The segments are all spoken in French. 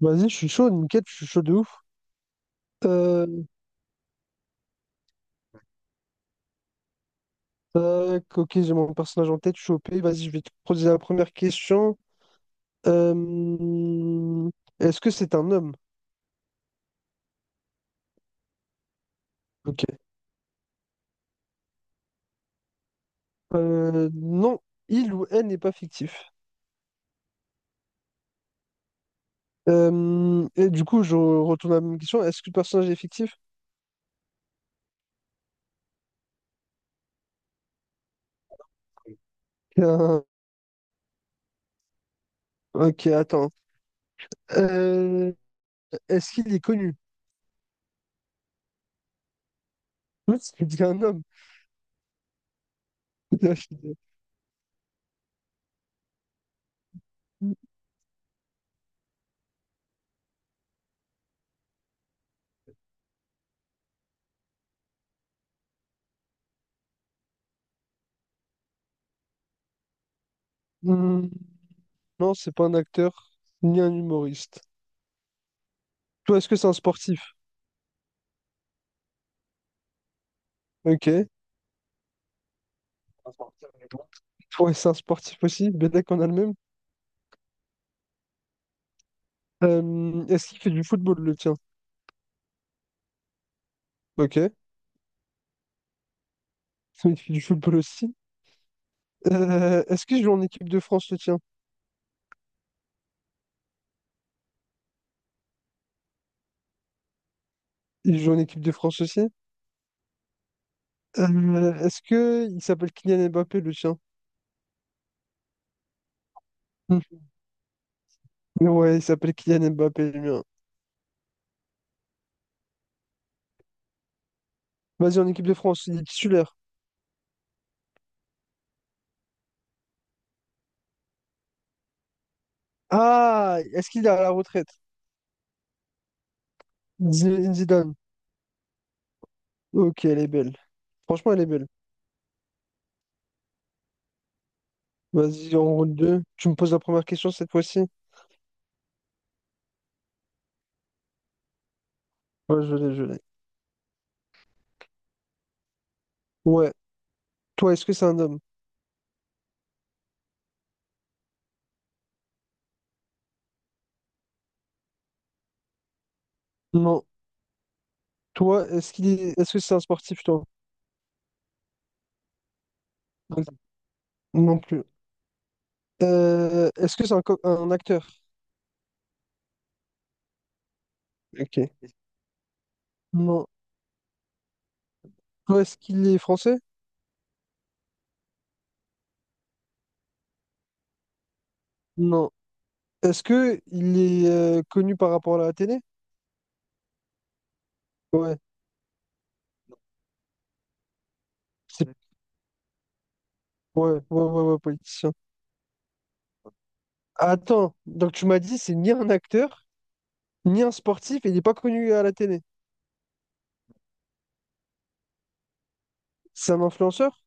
Vas-y, je suis chaud, nickel, je suis chaud de ouf. Euh, Tac, ok, j'ai mon personnage en tête, je suis OP. Vas-y, je vais te poser la première question. Euh, Est-ce que c'est un homme? Ok. Non, il ou elle n'est pas fictif. Et du coup, je retourne à la même question. Est-ce que le personnage est fictif? Euh, ok, attends. Euh, Est-ce qu'il est connu? C'est dit un homme. Hmm, non, c'est pas un acteur ni un humoriste. Toi, est-ce que c'est un sportif? Ok. Ouais, c'est un sportif aussi, bien d'accord, on a le même. Est-ce qu'il fait du football, le tien? Ok. Il fait du football aussi. Est-ce qu'il joue en équipe de France, le tien? Il joue en équipe de France aussi. Est-ce que il s'appelle Kylian Mbappé, le tien? Hmm. Ouais, il s'appelle Kylian Mbappé, le mien. Vas-y, en équipe de France, il est titulaire. Ah, est-ce qu'il est à la retraite? Zinedine Zidane. Ok, elle est belle. Franchement, elle est belle. Vas-y, en route deux. Tu me poses la première question cette fois-ci? Ouais, je l'ai, je l'ai. Ouais. Toi, est-ce que c'est un homme? Non. Toi, est-ce que c'est un sportif, toi? Non plus. Est-ce que c'est un, un acteur? Ok. Non. Toi, est-ce qu'il est français? Non. Est-ce que il est connu par rapport à la télé? Ouais. C'est... Ouais, ouais, ouais, ouais, politicien. Attends, donc tu m'as dit, c'est ni un acteur, ni un sportif, et il n'est pas connu à la télé. C'est un influenceur?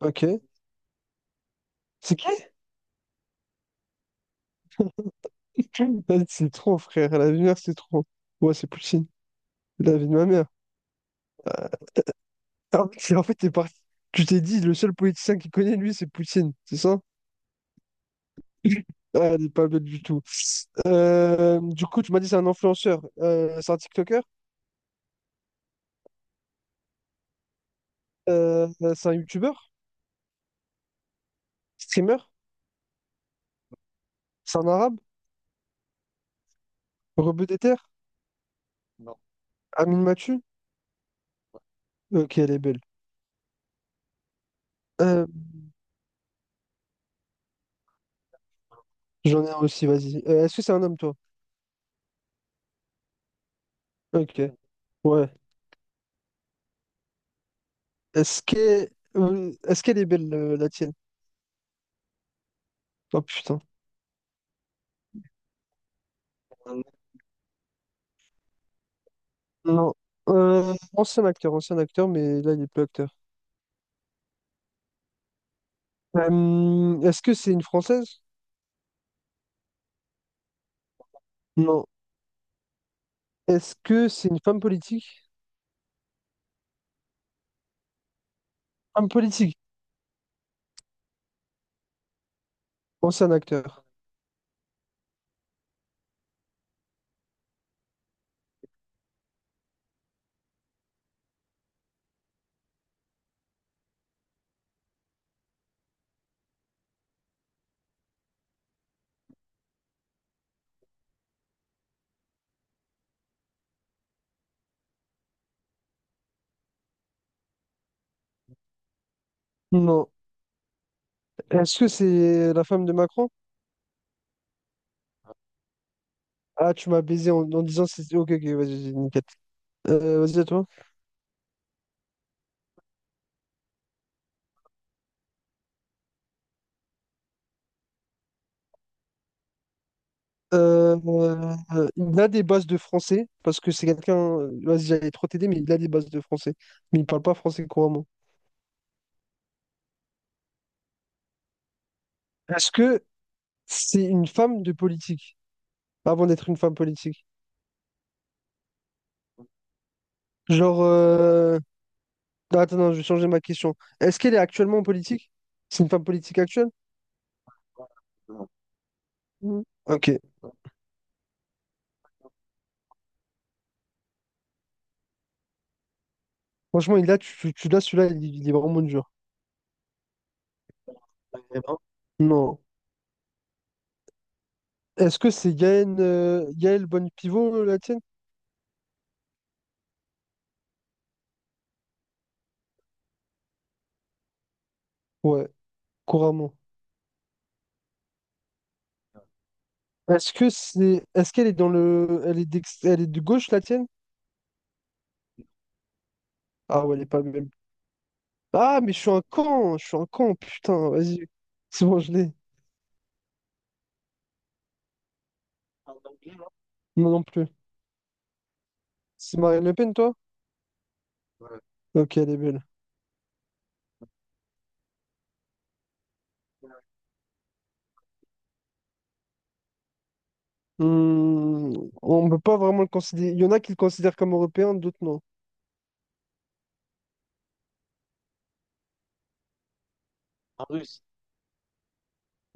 Ok. C'est qui? C'est trop, frère. La lumière, c'est trop. Ouais, c'est Poutine. La vie de ma mère. Ah oui, en fait, t'es parti. Tu t'es dit, le seul politicien qui connaît, lui, c'est Poutine, c'est ça? Ah, elle est pas belle du tout. Du coup, tu m'as dit c'est un influenceur. C'est un TikToker, Euh, c'est un YouTuber, streamer, c'est un arabe, rebeu des terres, Amin Mathieu. Ok, elle est belle. Euh, J'en ai un aussi, vas-y. Est-ce que c'est un homme, toi? Ok, ouais. Est-ce que, Est-ce qu'elle est belle, la tienne? Oh putain. Non. Ancien acteur, ancien acteur, mais là, il est plus acteur. Est-ce que c'est une française? Non. Est-ce que c'est une femme politique? Femme politique, ancien acteur. Non. Est-ce que c'est la femme de Macron? Ah, tu m'as baisé en disant c'est. Ok, ok, vas-y, vas-y, nickel. Vas-y à toi. Euh, il a des bases de français parce que c'est quelqu'un. Vas-y, j'allais trop t'aider, mais il a des bases de français. Mais il parle pas français couramment. Est-ce que c'est une femme de politique avant d'être une femme politique? Genre. euh, non, Attends, non, je vais changer ma question. Est-ce qu'elle est actuellement en politique? C'est une femme politique actuelle? Mm. Ok. Franchement, il a, tu l'as, celui-là, il est vraiment dur. Non. Est-ce que c'est Yael, Yael Bonne Pivot, la tienne? Ouais, couramment. Est-ce qu'elle est elle est elle est de gauche, la tienne? Ah ouais, elle est pas même. Ah, mais je suis un con, je suis un con, putain, vas-y. C'est bon, je l'ai. Non, non plus. C'est Marine Le Pen, toi? Ok, elle est belle. Hmm, on ne peut pas vraiment le considérer. Il y en a qui le considèrent comme européen, d'autres non.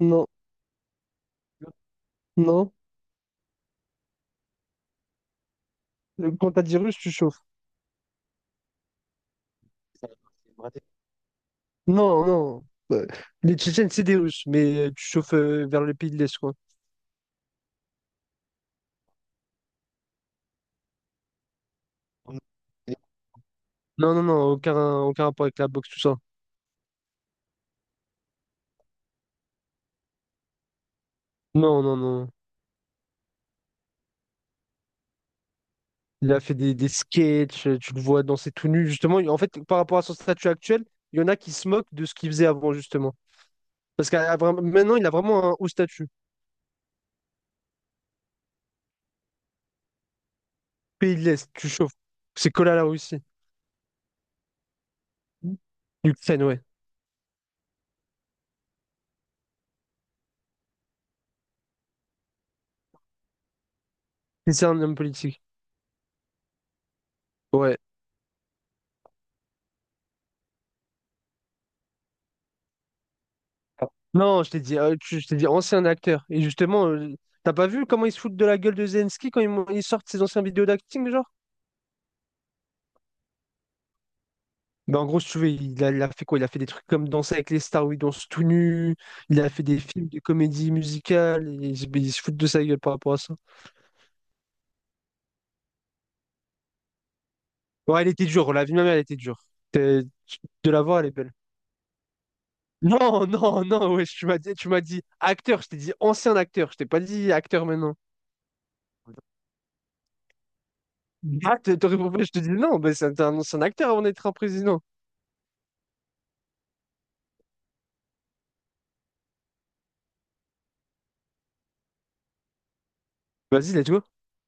Non, non. Quand t'as dit russe, tu chauffes. Non, non. Euh, Les Tchétchènes, c'est des Russes, mais tu chauffes vers le pays de l'Est, quoi. Non, non, non, aucun, aucun rapport avec la boxe, tout ça. Non, non, non. Il a fait des sketchs, tu le vois danser tout nu. Justement, en fait, par rapport à son statut actuel, il y en a qui se moquent de ce qu'il faisait avant, justement. Parce maintenant, il a vraiment un haut statut. Pays de l'Est, tu chauffes. C'est collé à la Russie. Ukraine, ouais. Et c'est un homme politique. Ouais. Non, je t'ai dit, je t'ai dit ancien acteur. Et justement, t'as pas vu comment ils se foutent de la gueule de Zelensky quand ils sortent ses anciens vidéos d'acting, genre? Ben en gros, si tu veux, il a fait quoi? Il a fait des trucs comme Danser avec les stars où il danse tout nu. Il a fait des films de comédie musicale. Et ils se foutent de sa gueule par rapport à ça. Ouais, elle était dure. La vie de ma mère, elle était dure. T'es- tu- De la voir, elle est belle. Non, non, non, ouais, tu m'as dit acteur. Je t'ai dit ancien acteur. Je t'ai pas dit acteur maintenant. Ah, compris, je te dis non, ben c'est un ancien acteur avant d'être un président. Vas-y, let's go.